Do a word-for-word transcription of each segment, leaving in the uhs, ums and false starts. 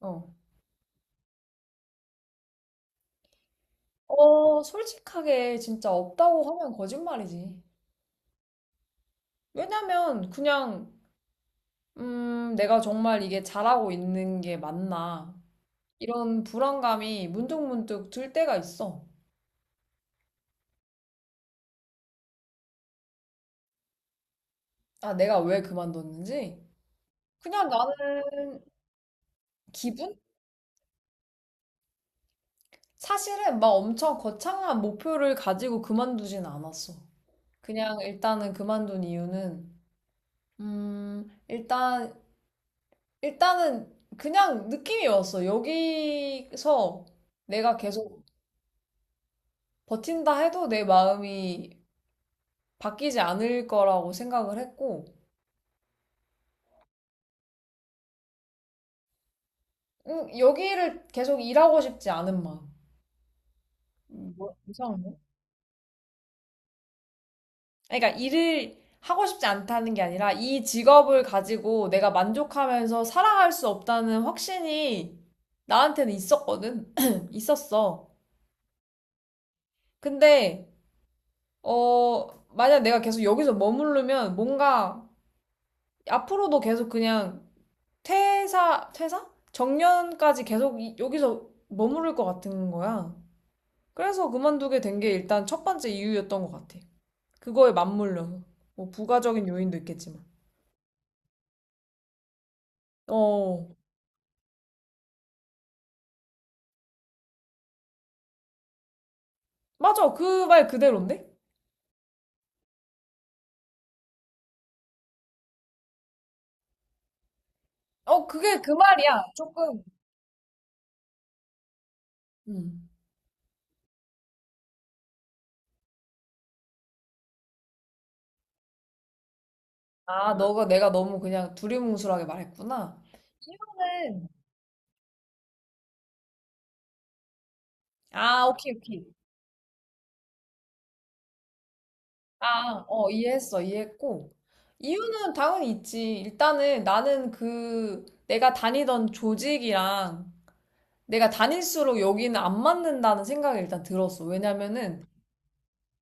어. 어, 솔직하게 진짜 없다고 하면 거짓말이지. 왜냐면 그냥 음, 내가 정말 이게 잘하고 있는 게 맞나? 이런 불안감이 문득문득 들 때가 있어. 아, 내가 왜 그만뒀는지? 그냥 나는 기분? 사실은 막 엄청 거창한 목표를 가지고 그만두진 않았어. 그냥 일단은 그만둔 이유는 음, 일단 일단은 그냥 느낌이 왔어. 여기서 내가 계속 버틴다 해도 내 마음이 바뀌지 않을 거라고 생각을 했고, 음, 여기를 계속 일하고 싶지 않은 마음. 음, 뭐, 이상한데? 아니, 그러니까 일을 하고 싶지 않다는 게 아니라 이 직업을 가지고 내가 만족하면서 살아갈 수 없다는 확신이 나한테는 있었거든. 있었어. 근데, 어, 만약 내가 계속 여기서 머무르면 뭔가 앞으로도 계속 그냥 퇴사, 퇴사? 정년까지 계속 이- 여기서 머무를 것 같은 거야. 그래서 그만두게 된 게 일단 첫 번째 이유였던 것 같아. 그거에 맞물려서. 뭐 부가적인 요인도 있겠지만. 어, 맞아. 그 말 그대로인데? 어, 그게 그 말이야. 조금. 음. 아, 너가 내가 너무 그냥 두리뭉술하게 말했구나. 이유는, 아, 오케이, 오케이. 아, 어, 이해했어, 이해했고. 이유는 당연히 있지. 일단은 나는 그, 내가 다니던 조직이랑 내가 다닐수록 여기는 안 맞는다는 생각이 일단 들었어. 왜냐면은,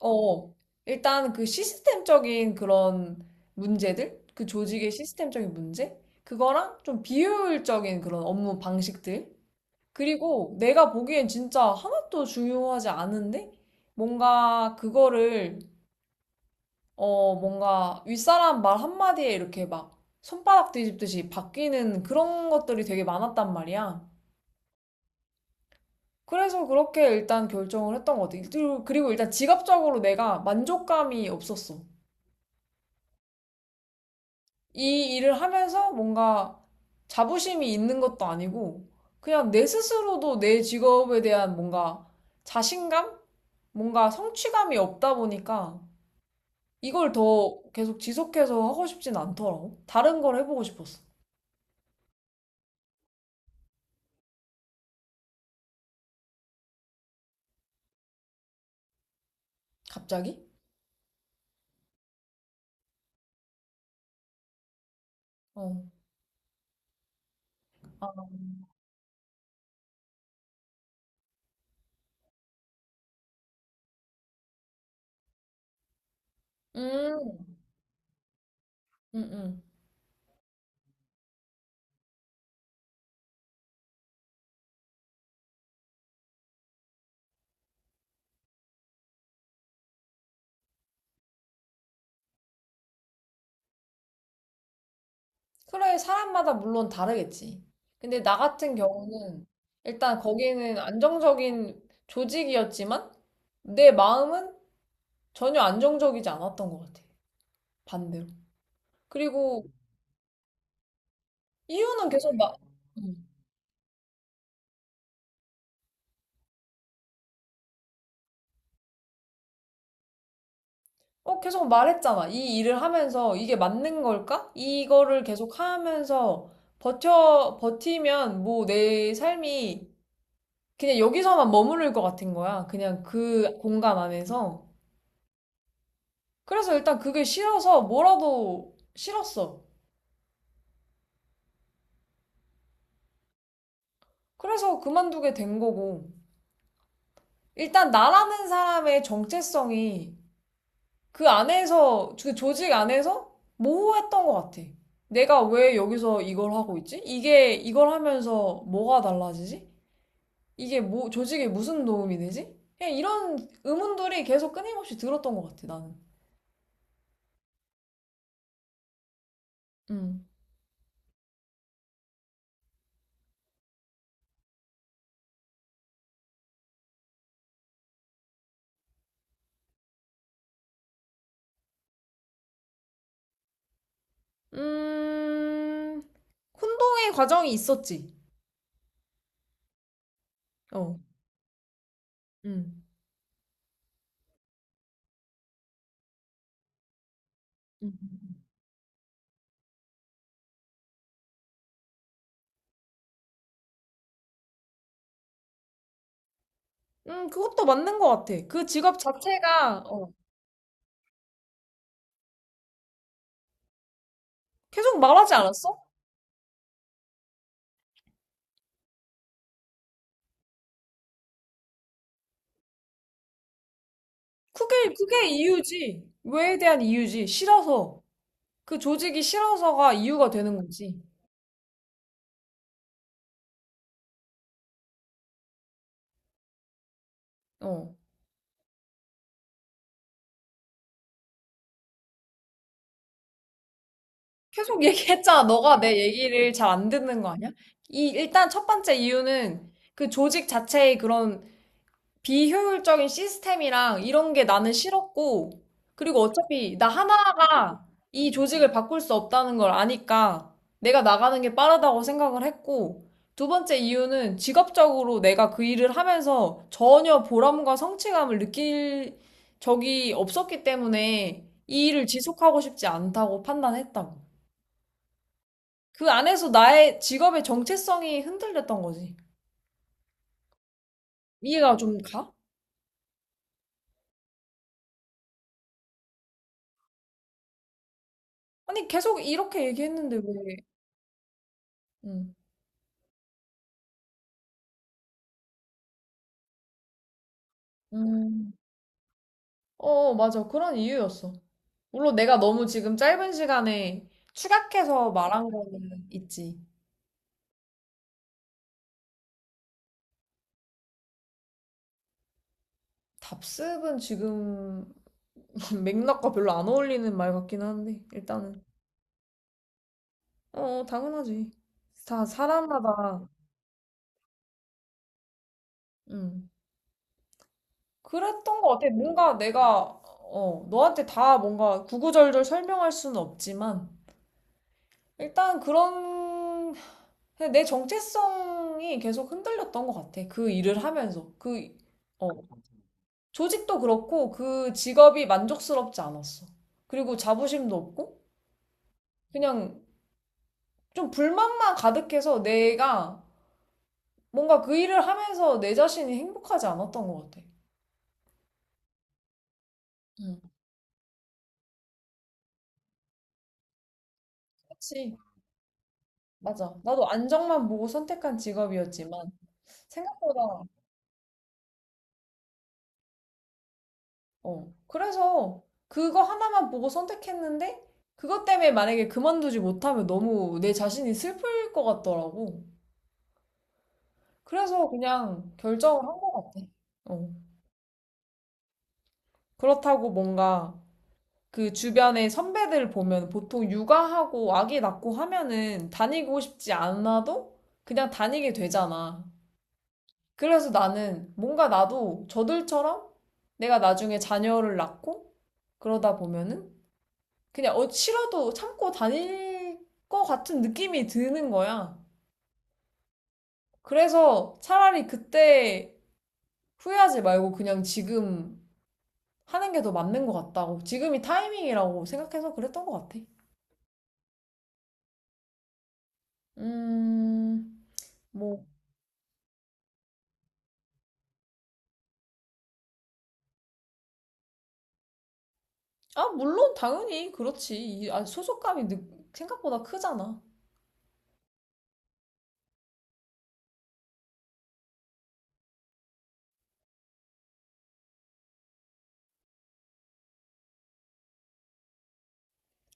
어, 일단 그 시스템적인 그런 문제들? 그 조직의 시스템적인 문제? 그거랑 좀 비효율적인 그런 업무 방식들? 그리고 내가 보기엔 진짜 하나도 중요하지 않은데? 뭔가 그거를 어, 뭔가 윗사람 말 한마디에 이렇게 막 손바닥 뒤집듯이 바뀌는 그런 것들이 되게 많았단 말이야. 그래서 그렇게 일단 결정을 했던 것 같아. 그리고 그리고 일단 지갑적으로 내가 만족감이 없었어. 이 일을 하면서 뭔가 자부심이 있는 것도 아니고, 그냥 내 스스로도 내 직업에 대한 뭔가 자신감? 뭔가 성취감이 없다 보니까 이걸 더 계속 지속해서 하고 싶진 않더라고. 다른 걸 해보고 싶었어. 갑자기? 어. 음, 음, 음. 그래, 사람마다 물론 다르겠지. 근데 나 같은 경우는 일단 거기는 안정적인 조직이었지만 내 마음은 전혀 안정적이지 않았던 것 같아. 반대로. 그리고 이유는 계속 막, 어, 계속 말했잖아. 이 일을 하면서 이게 맞는 걸까? 이거를 계속 하면서 버텨, 버티면 뭐 내 삶이 그냥 여기서만 머무를 것 같은 거야. 그냥 그 공간 안에서. 그래서 일단 그게 싫어서 뭐라도 싫었어. 그래서 그만두게 된 거고. 일단 나라는 사람의 정체성이 그 안에서, 그 조직 안에서 모호했던 것 같아. 내가 왜 여기서 이걸 하고 있지? 이게, 이걸 하면서 뭐가 달라지지? 이게 뭐, 조직에 무슨 도움이 되지? 그냥 이런 의문들이 계속 끊임없이 들었던 것 같아, 나는. 음. 음, 혼동의 과정이 있었지. 어, 음. 음. 음, 그것도 맞는 것 같아. 그 직업 자체가, 어, 계속 말하지 않았어? 그게, 그게 이유지. 왜에 대한 이유지. 싫어서. 그 조직이 싫어서가 이유가 되는 거지. 어. 계속 얘기했잖아. 너가 내 얘기를 잘 안 듣는 거 아니야? 이, 일단 첫 번째 이유는 그 조직 자체의 그런 비효율적인 시스템이랑 이런 게 나는 싫었고, 그리고 어차피 나 하나가 이 조직을 바꿀 수 없다는 걸 아니까 내가 나가는 게 빠르다고 생각을 했고, 두 번째 이유는 직업적으로 내가 그 일을 하면서 전혀 보람과 성취감을 느낄 적이 없었기 때문에 이 일을 지속하고 싶지 않다고 판단했다고. 그 안에서 나의 직업의 정체성이 흔들렸던 거지. 이해가 좀 가? 아니, 계속 이렇게 얘기했는데 왜? 응. 음. 어, 맞아. 그런 이유였어. 물론 내가 너무 지금 짧은 시간에 추각해서 말한 거는 있지. 답습은 지금 맥락과 별로 안 어울리는 말 같긴 한데, 일단은. 어, 당연하지. 다 사람마다, 음. 그랬던 것 같아. 뭔가 내가, 어, 너한테 다 뭔가 구구절절 설명할 수는 없지만, 일단 그런, 그냥 내 정체성이 계속 흔들렸던 것 같아. 그 일을 하면서. 그, 어. 조직도 그렇고 그 직업이 만족스럽지 않았어. 그리고 자부심도 없고 그냥 좀 불만만 가득해서 내가 뭔가 그 일을 하면서 내 자신이 행복하지 않았던 것 같아. 응 그치. 맞아. 나도 안정만 보고 선택한 직업이었지만 생각보다 어. 그래서 그거 하나만 보고 선택했는데 그것 때문에 만약에 그만두지 못하면 너무 내 자신이 슬플 것 같더라고. 그래서 그냥 결정을 한 것 같아. 어. 그렇다고 뭔가 그 주변의 선배들 보면 보통 육아하고 아기 낳고 하면은 다니고 싶지 않아도 그냥 다니게 되잖아. 그래서 나는 뭔가 나도 저들처럼 내가 나중에 자녀를 낳고 그러다 보면은 그냥 어 싫어도 참고 다닐 것 같은 느낌이 드는 거야. 그래서 차라리 그때 후회하지 말고 그냥 지금 하는 게 더 맞는 것 같다고. 지금이 타이밍이라고 생각해서 그랬던 것 같아. 음, 뭐, 아, 물론 당연히 그렇지. 이- 아, 소속감이 느- 생각보다 크잖아.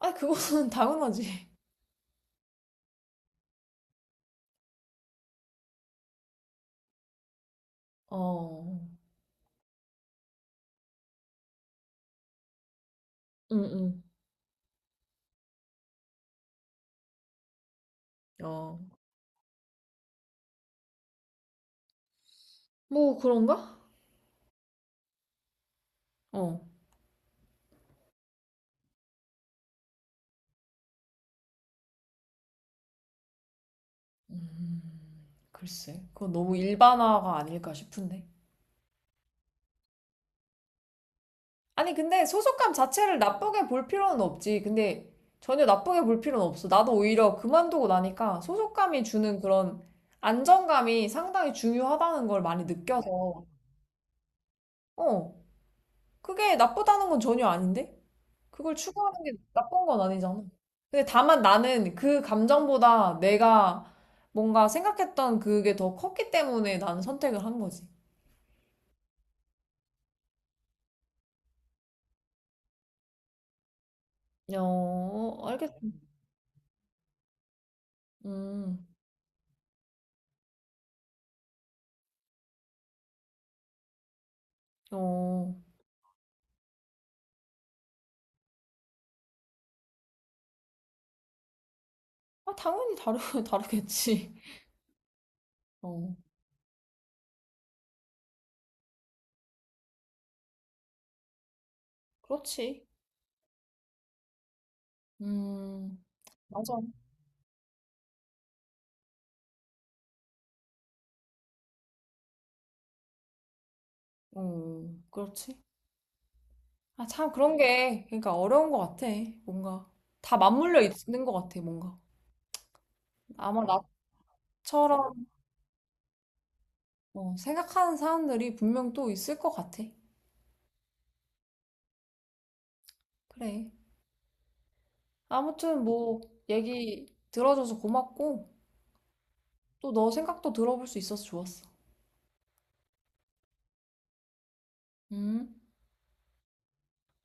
아, 그거는 당연하지. 어, 응, 응, 어, 뭐 그런가? 어, 음, 글쎄, 그건 너무 일반화가 아닐까 싶은데. 아니, 근데 소속감 자체를 나쁘게 볼 필요는 없지. 근데 전혀 나쁘게 볼 필요는 없어. 나도 오히려 그만두고 나니까 소속감이 주는 그런 안정감이 상당히 중요하다는 걸 많이 느껴서. 어, 그게 나쁘다는 건 전혀 아닌데? 그걸 추구하는 게 나쁜 건 아니잖아. 근데 다만 나는 그 감정보다 내가 뭔가 생각했던 그게 더 컸기 때문에 나는 선택을 한 거지. 어, 알겠어. 음, 어. 아, 당연히 다르, 다르겠지. 어, 그렇지. 음, 맞아. 어, 그렇지. 아, 참, 그런 게, 그러니까 어려운 것 같아. 뭔가. 다 맞물려 있는 것 같아, 뭔가. 아마 나처럼 어, 생각하는 사람들이 분명 또 있을 것 같아. 그래. 아무튼 뭐 얘기 들어줘서 고맙고 또 너 생각도 들어볼 수 있어서 좋았어. 음.